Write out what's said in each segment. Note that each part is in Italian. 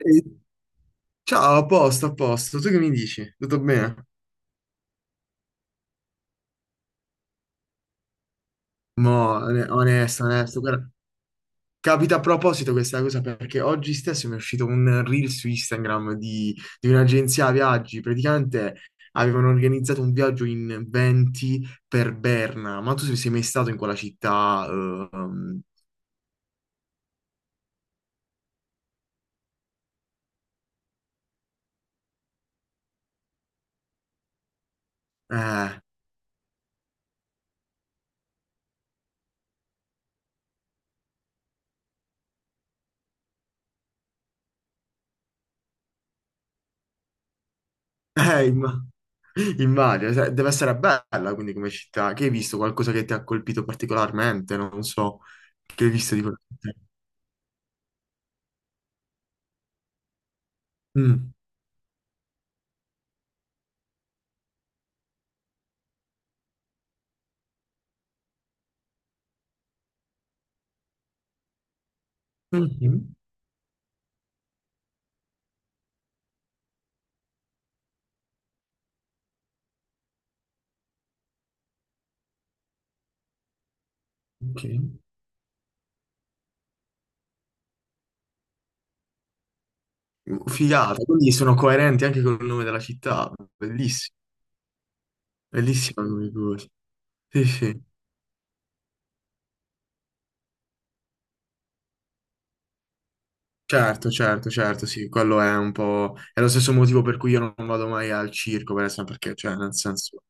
Eh, Ciao, a posto, a posto. Tu che mi dici? Tutto bene? Mo, onesto, onesto, guarda, capita a proposito questa cosa perché oggi stesso mi è uscito un reel su Instagram di un'agenzia viaggi. Praticamente avevano organizzato un viaggio in 20 per Berna. Ma tu sei mai stato in quella città? Eh, eh, imma- Immagino. Cioè, deve essere bella quindi come città. Che hai visto? Qualcosa che ti ha colpito particolarmente? Non so. Che hai visto di quella città? Mm. Mhm. Ok. Figata, quindi sono coerenti anche con il nome della città. Bellissimo, bellissima come cosa. Sì, sì. Certo, certo, certo, sì, quello è un po'... È lo stesso motivo per cui io non vado mai al circo, per esempio, perché, cioè, nel senso...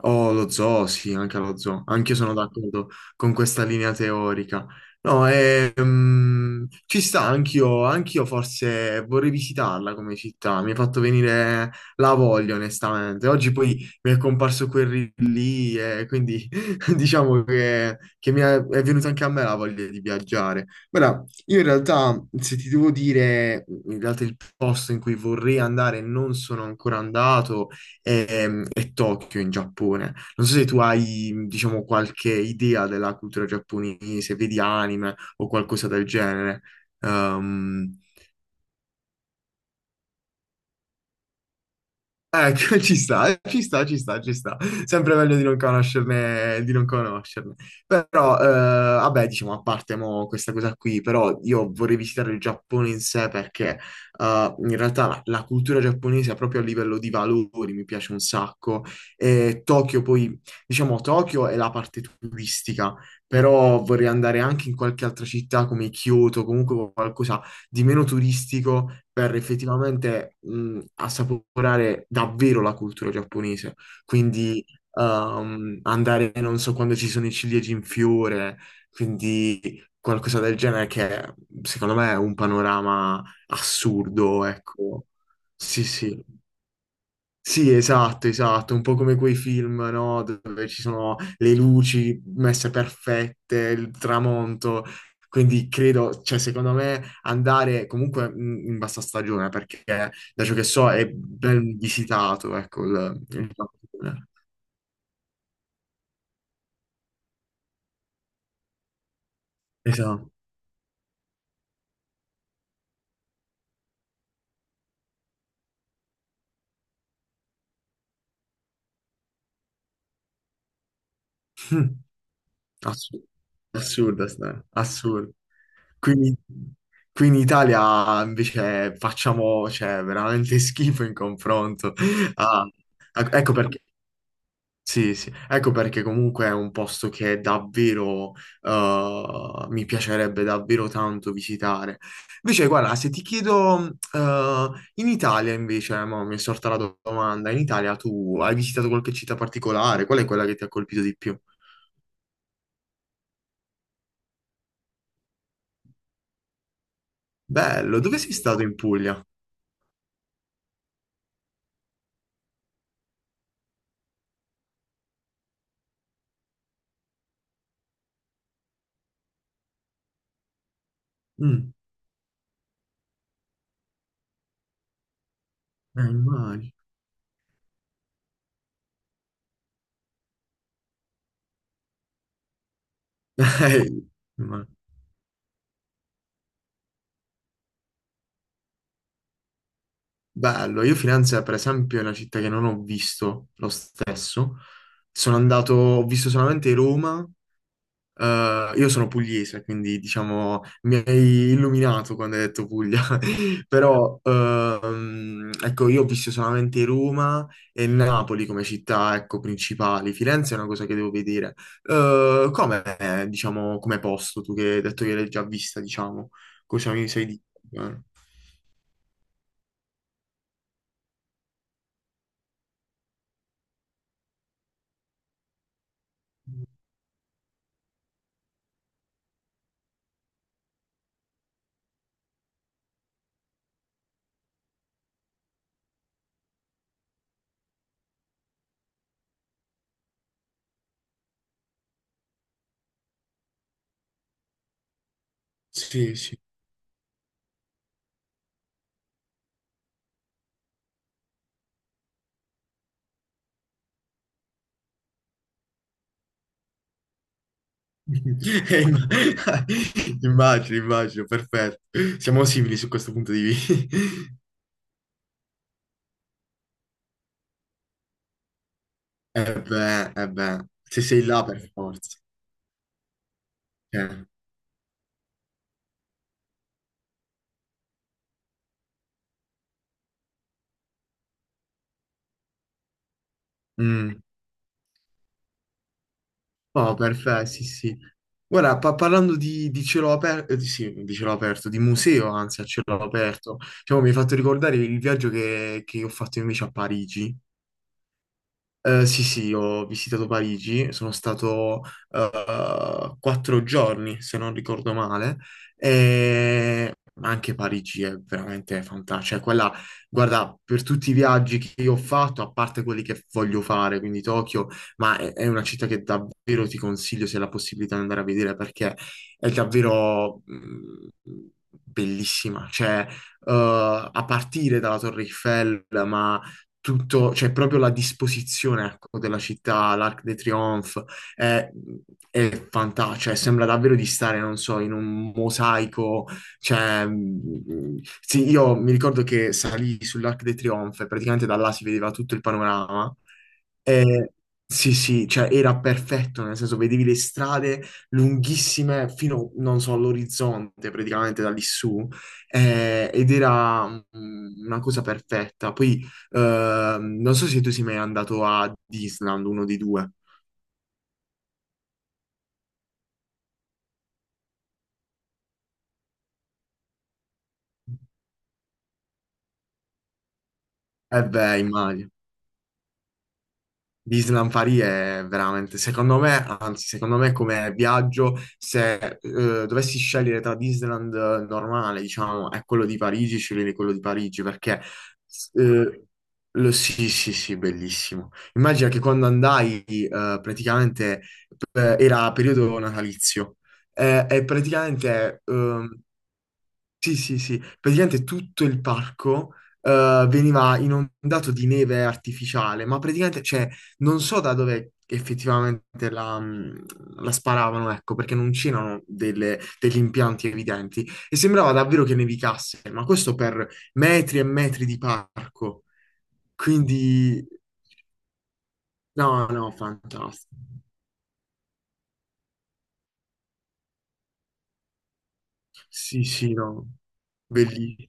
Oh, lo zoo, sì, anche lo zoo. Anch'io sono d'accordo con questa linea teorica. No, e, ci sta, anch'io forse vorrei visitarla come città. Mi ha fatto venire la voglia, onestamente. Oggi poi mi è comparso quel reel lì e quindi diciamo che mi è venuta anche a me la voglia di viaggiare. Ora, io in realtà, se ti devo dire, in realtà il posto in cui vorrei andare e non sono ancora andato e Tokyo in Giappone. Non so se tu hai, diciamo, qualche idea della cultura giapponese, vedi anime o qualcosa del genere. Ehm, Eh, ci sta, ci sta, ci sta, ci sta. Sempre meglio di non conoscerne, di non conoscerne. Però, vabbè, diciamo, a parte mo questa cosa qui, però io vorrei visitare il Giappone in sé perché in realtà la cultura giapponese proprio a livello di valori mi piace un sacco. E Tokyo poi, diciamo, Tokyo è la parte turistica, però vorrei andare anche in qualche altra città come Kyoto, comunque qualcosa di meno turistico per effettivamente assaporare davvero la cultura giapponese. Quindi andare, non so, quando ci sono i ciliegi in fiore, quindi qualcosa del genere che secondo me è un panorama assurdo, ecco. Sì, sì. Sì, esatto, esatto, un po' come quei film, no? Dove ci sono le luci messe perfette, il tramonto. Quindi credo, cioè, secondo me andare comunque in bassa stagione, perché da ciò che so è ben visitato, ecco, il Giappone. Esatto. Mm. Assurdo, assurdo, assurdo. Quindi qui in Italia invece facciamo, cioè, veramente schifo in confronto. a- ecco perché. Sì, sì, ecco perché comunque è un posto che davvero mi piacerebbe davvero tanto visitare. Invece, guarda, se ti chiedo in Italia invece, mo mi è sorta la domanda, in Italia tu hai visitato qualche città particolare? Qual è quella che ti ha colpito di più? Bello, dove sei stato in Puglia? Mm, Immagino. Eh, immagino. Bello, io Firenze per esempio è una città che non ho visto lo stesso. Sono andato, ho visto solamente Roma. Io sono pugliese, quindi diciamo mi hai illuminato quando hai detto Puglia, però ecco, io ho visto solamente Roma e Napoli come città, ecco, principali. Firenze è una cosa che devo vedere. Come, diciamo, come posto, tu che hai detto che l'hai già vista, diciamo, cosa mi sai dire? Sì, sì. Eh, imm- Immagino, immagino, perfetto. Siamo simili su questo punto di vista. Eh beh, se sei là per forza. Cioè, mm. Oh, perfetto, sì, sì. Guarda, parlando di cielo aperto, sì, di cielo aperto, di museo, anzi, a cielo aperto, diciamo, mi hai fatto ricordare il viaggio che ho fatto invece a Parigi. Sì, sì, ho visitato Parigi, sono stato 4 giorni, se non ricordo male, e anche Parigi è veramente fantastica. Cioè, quella, guarda, per tutti i viaggi che io ho fatto, a parte quelli che voglio fare, quindi Tokyo, ma è una città che davvero ti consiglio se hai la possibilità di andare a vedere perché è davvero bellissima. Cioè, a partire dalla Torre Eiffel, ma tutto, cioè proprio la disposizione, ecco, della città, l'Arc de Triomphe, è, è fantastica, cioè sembra davvero di stare, non so, in un mosaico, cioè, sì, io mi ricordo che salì sull'Arc de Triomphe, praticamente da là si vedeva tutto il panorama, e sì, sì, cioè era perfetto, nel senso vedevi le strade lunghissime fino, non so, all'orizzonte praticamente da lì su, ed era una cosa perfetta. Poi non so se tu sei mai andato a Disneyland, uno dei due. Eh beh, immagino. Disneyland Paris è veramente, secondo me, anzi, secondo me come viaggio, se eh, dovessi scegliere tra Disneyland normale, diciamo, e quello di Parigi, sceglierei quello di Parigi perché eh, sì, sì, sì, bellissimo. Immagina che quando andai, praticamente era periodo natalizio e praticamente sì, sì, sì, praticamente tutto il parco veniva inondato di neve artificiale, ma praticamente, cioè, non so da dove effettivamente la sparavano, ecco, perché non c'erano degli impianti evidenti e sembrava davvero che nevicasse, ma questo per metri e metri di parco, quindi no, no, fantastico. Sì, sì, no, bellissimo.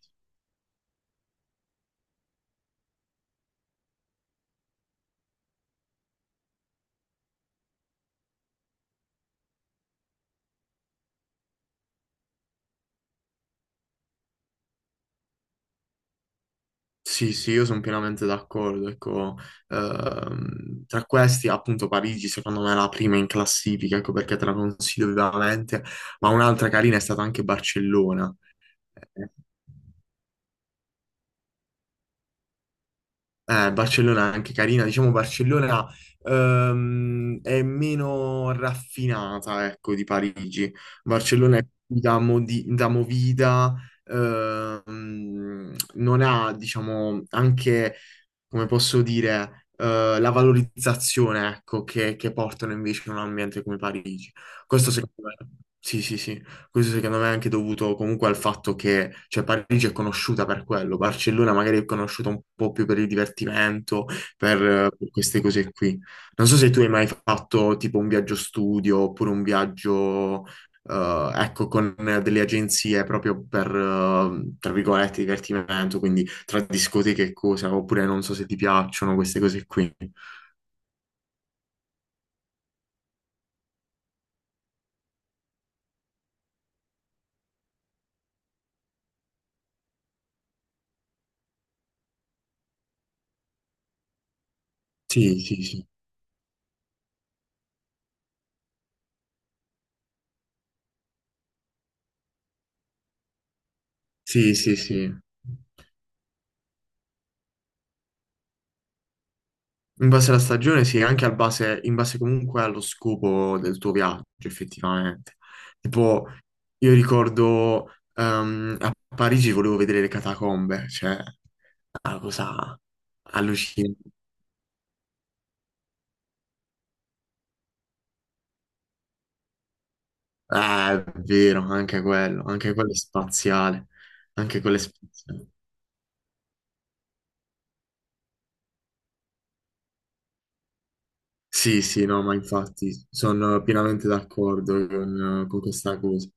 Sì, sì, io sono pienamente d'accordo. Ecco, tra questi, appunto, Parigi, secondo me, è la prima in classifica, ecco perché te la consiglio vivamente. Ma un'altra carina è stata anche Barcellona. Eh, Barcellona è anche carina, diciamo Barcellona è meno raffinata, ecco, di Parigi. Barcellona è più da, da movida, non ha, diciamo, anche come posso dire, la valorizzazione, ecco, che portano invece in un ambiente come Parigi. Questo secondo me, sì, sì, sì, questo secondo me è anche dovuto comunque al fatto che, cioè, Parigi è conosciuta per quello, Barcellona magari è conosciuta un po' più per il divertimento, per queste cose qui. Non so se tu hai mai fatto tipo un viaggio studio oppure un viaggio... ecco, con delle agenzie proprio per, tra virgolette, divertimento, quindi tra discoteche e cose, oppure non so se ti piacciono queste cose qui. Sì, sì, sì. Sì, sì, sì. In base alla stagione, sì, anche al base, in base comunque allo scopo del tuo viaggio, effettivamente. Tipo, io ricordo a Parigi volevo vedere le catacombe, cioè, una cosa allucinante. Eh, è vero, anche quello è spaziale, anche quello è spaziale. Sì, sì, no, ma infatti sono pienamente d'accordo con questa cosa.